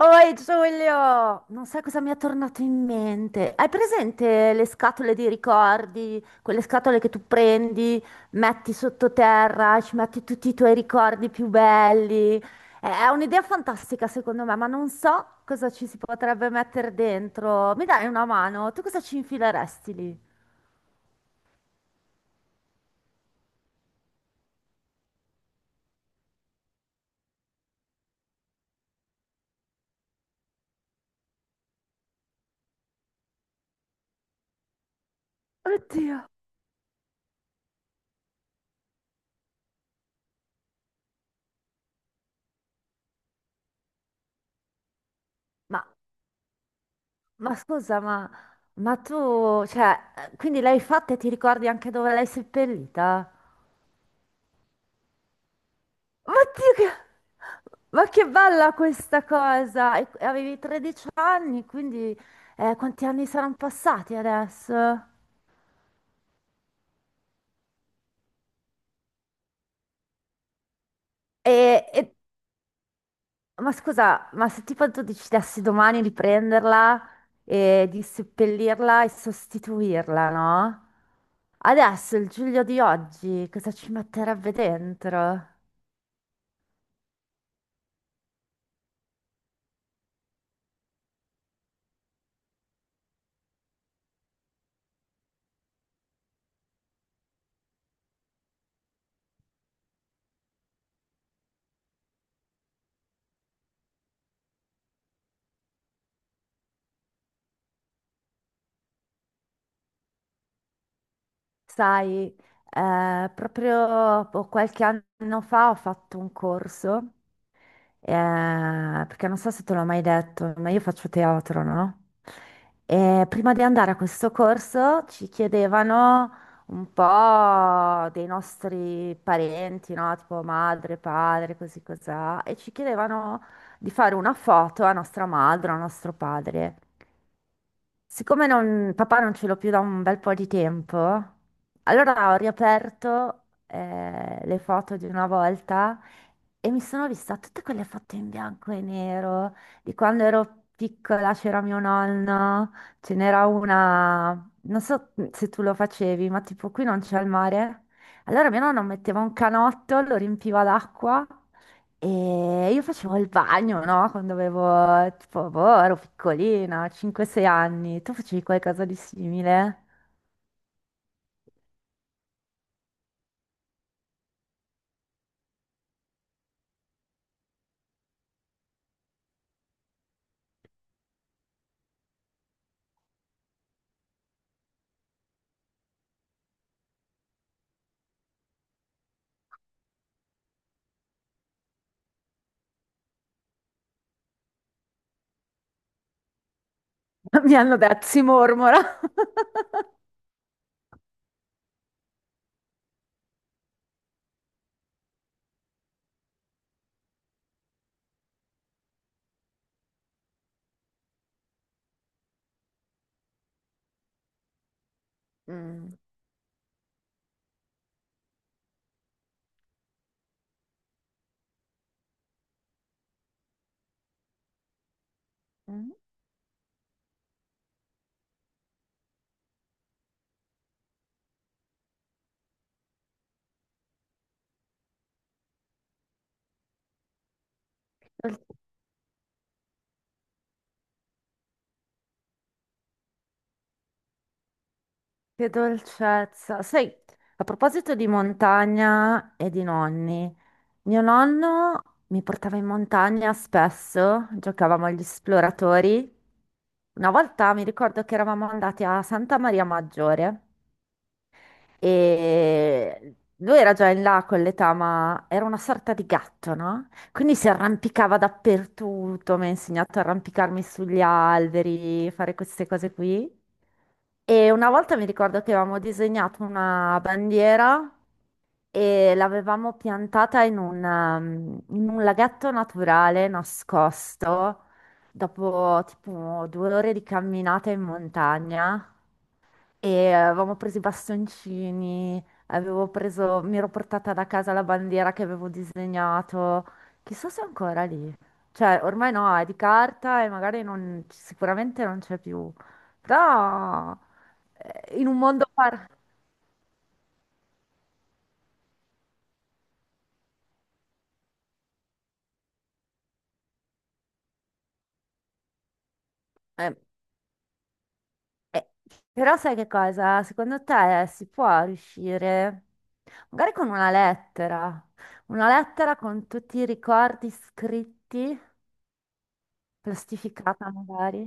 Oi Giulio, non sai cosa mi è tornato in mente. Hai presente le scatole di ricordi? Quelle scatole che tu prendi, metti sottoterra, ci metti tutti i tuoi ricordi più belli. È un'idea fantastica secondo me, ma non so cosa ci si potrebbe mettere dentro. Mi dai una mano? Tu cosa ci infileresti lì? Oddio, Ma, ma scusa, ma tu, cioè, quindi l'hai fatta e ti ricordi anche dove l'hai seppellita? Oddio. Ma che bella questa cosa! E avevi 13 anni, quindi quanti anni saranno passati adesso? E, e- Ma scusa, ma se tipo tu decidessi domani di prenderla e di seppellirla e sostituirla, no? Adesso il Giulio di oggi cosa ci metterebbe dentro? Sai, proprio boh, qualche anno fa ho fatto un corso. Perché non so se te l'ho mai detto, ma io faccio teatro, no? E prima di andare a questo corso ci chiedevano un po' dei nostri parenti, no? Tipo madre, padre, così cos'ha, e ci chiedevano di fare una foto a nostra madre, a nostro padre. Siccome papà non ce l'ho più da un bel po' di tempo, allora ho riaperto le foto di una volta e mi sono vista tutte quelle foto in bianco e nero di quando ero piccola, c'era mio nonno, ce n'era una, non so se tu lo facevi, ma tipo qui non c'è il mare. Allora mio nonno metteva un canotto, lo riempiva d'acqua e io facevo il bagno, no? Quando avevo, tipo, boh, ero piccolina, 5-6 anni. Tu facevi qualcosa di simile? Mi hanno detto, si mormora. Mm. Mm. Dol- Che dolcezza. Sai, a proposito di montagna e di nonni, mio nonno mi portava in montagna spesso, giocavamo agli esploratori. Una volta mi ricordo che eravamo andati a Santa Maria Maggiore. E lui era già in là con l'età, ma era una sorta di gatto, no? Quindi si arrampicava dappertutto, mi ha insegnato a arrampicarmi sugli alberi, fare queste cose qui. E una volta mi ricordo che avevamo disegnato una bandiera e l'avevamo piantata in un laghetto naturale nascosto dopo tipo 2 ore di camminata in montagna. E avevamo preso i bastoncini, avevo preso, mi ero portata da casa la bandiera che avevo disegnato. Chissà se è ancora lì. Cioè, ormai no, è di carta e magari non, sicuramente non c'è più. Però in un mondo. eh, eh, però sai che cosa? Secondo te si può riuscire? Magari con una lettera con tutti i ricordi scritti, plastificata magari.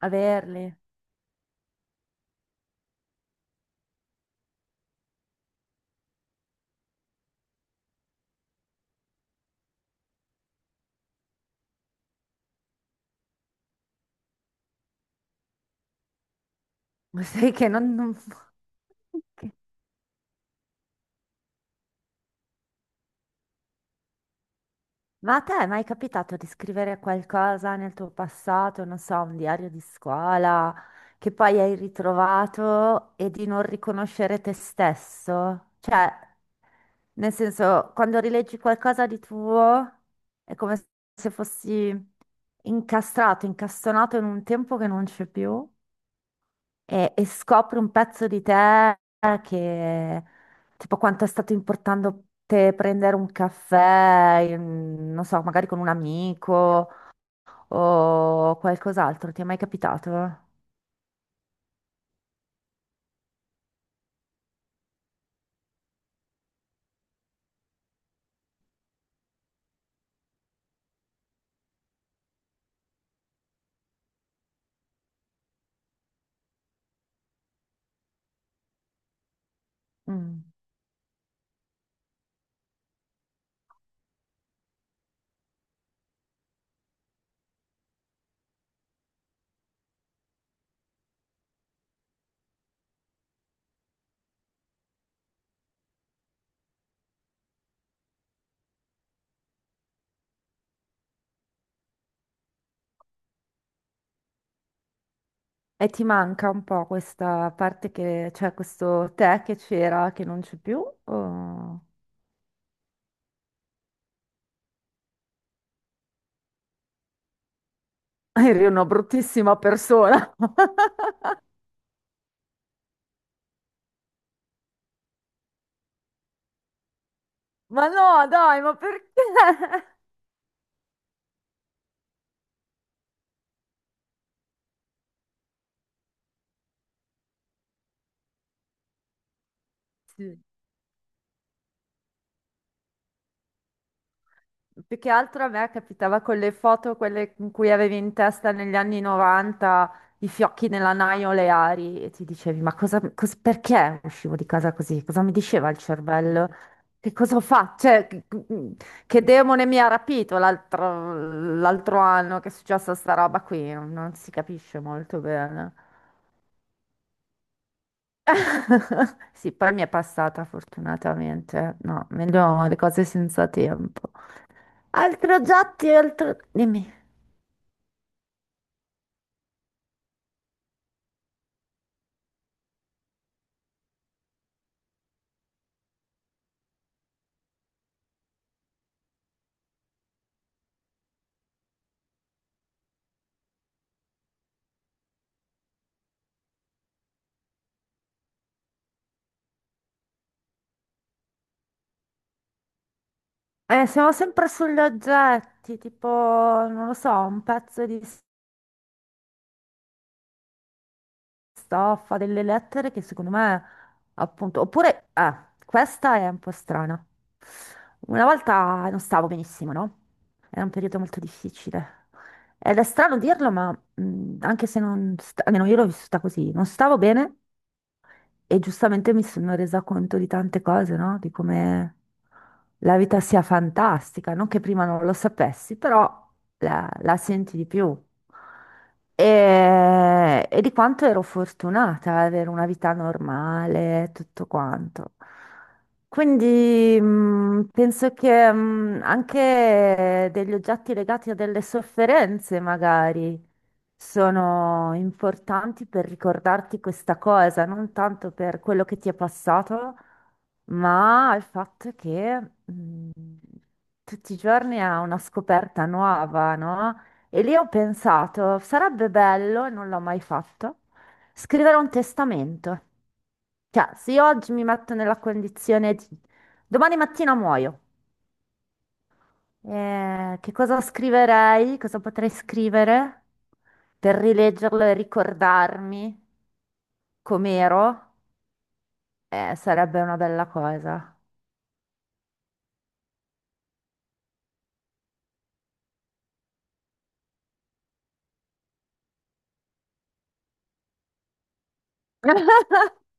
Averli. Ma sai che non... non- che- Ma a te è mai capitato di scrivere qualcosa nel tuo passato, non so, un diario di scuola, che poi hai ritrovato e di non riconoscere te stesso? Cioè, nel senso, quando rileggi qualcosa di tuo, è come se fossi incastrato, incastonato in un tempo che non c'è più. E scopri un pezzo di te che, tipo, quanto è stato importante te prendere un caffè, non so, magari con un amico o qualcos'altro. Ti è mai capitato? Mm. E ti manca un po' questa parte che, cioè questo te che c'era, che non c'è più? o- Eri una bruttissima persona. Ma no, dai, ma perché? Più che altro a me capitava con le foto, quelle in cui avevi in testa negli anni 90 i fiocchi nella naio oleari e ti dicevi: ma cosa, perché uscivo di casa così? Cosa mi diceva il cervello? Che cosa ho fatto? Cioè, che demone mi ha rapito l'altro anno che è successa sta roba qui? Non si capisce molto bene. Sì, poi mi è passata fortunatamente. No, meglio le cose senza tempo. Altri oggetti, altro. Dimmi. Siamo sempre sugli oggetti, tipo, non lo so, un pezzo di stoffa, delle lettere che secondo me, appunto, oppure, questa è un po' strana. Una volta non stavo benissimo, no? Era un periodo molto difficile. Ed è strano dirlo, ma anche se non, almeno io l'ho vissuta così, non stavo bene. E giustamente mi sono resa conto di tante cose, no? Di come la vita sia fantastica, non che prima non lo sapessi, però la senti di più. E di quanto ero fortunata ad avere una vita normale, tutto quanto. Quindi penso che anche degli oggetti legati a delle sofferenze, magari sono importanti per ricordarti questa cosa, non tanto per quello che ti è passato, ma il fatto che tutti i giorni ha una scoperta nuova, no? E lì ho pensato, sarebbe bello, e non l'ho mai fatto, scrivere un testamento. Cioè, se io oggi mi metto nella condizione di: domani mattina muoio. Che cosa scriverei? Cosa potrei scrivere per rileggerlo e ricordarmi com'ero? Sarebbe una bella cosa.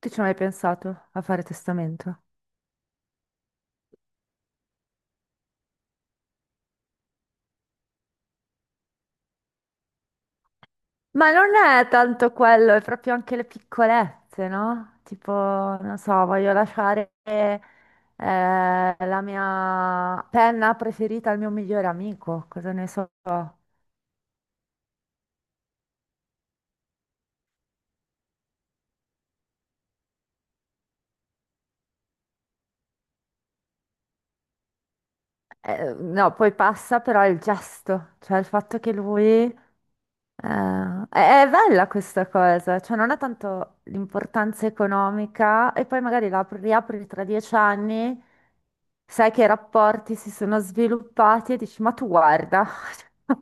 Tu ci hai mai pensato a fare testamento? Ma non è tanto quello, è proprio anche le piccolezze, no? Tipo, non so, voglio lasciare la mia penna preferita al mio migliore amico, cosa ne so. No, poi passa però il gesto, cioè il fatto che lui. È bella questa cosa, cioè non ha tanto l'importanza economica e poi magari la riapri tra 10 anni, sai che i rapporti si sono sviluppati e dici, ma tu guarda,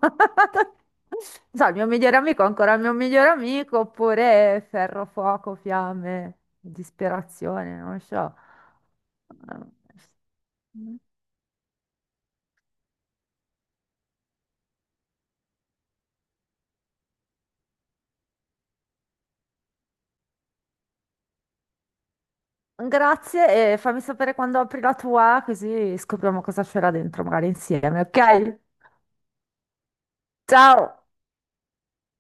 so, il mio migliore amico è ancora il mio migliore amico, oppure ferro, fuoco, fiamme, disperazione, non so. Eh, Grazie e fammi sapere quando apri la tua, così scopriamo cosa c'era dentro, magari insieme, ok? Ciao!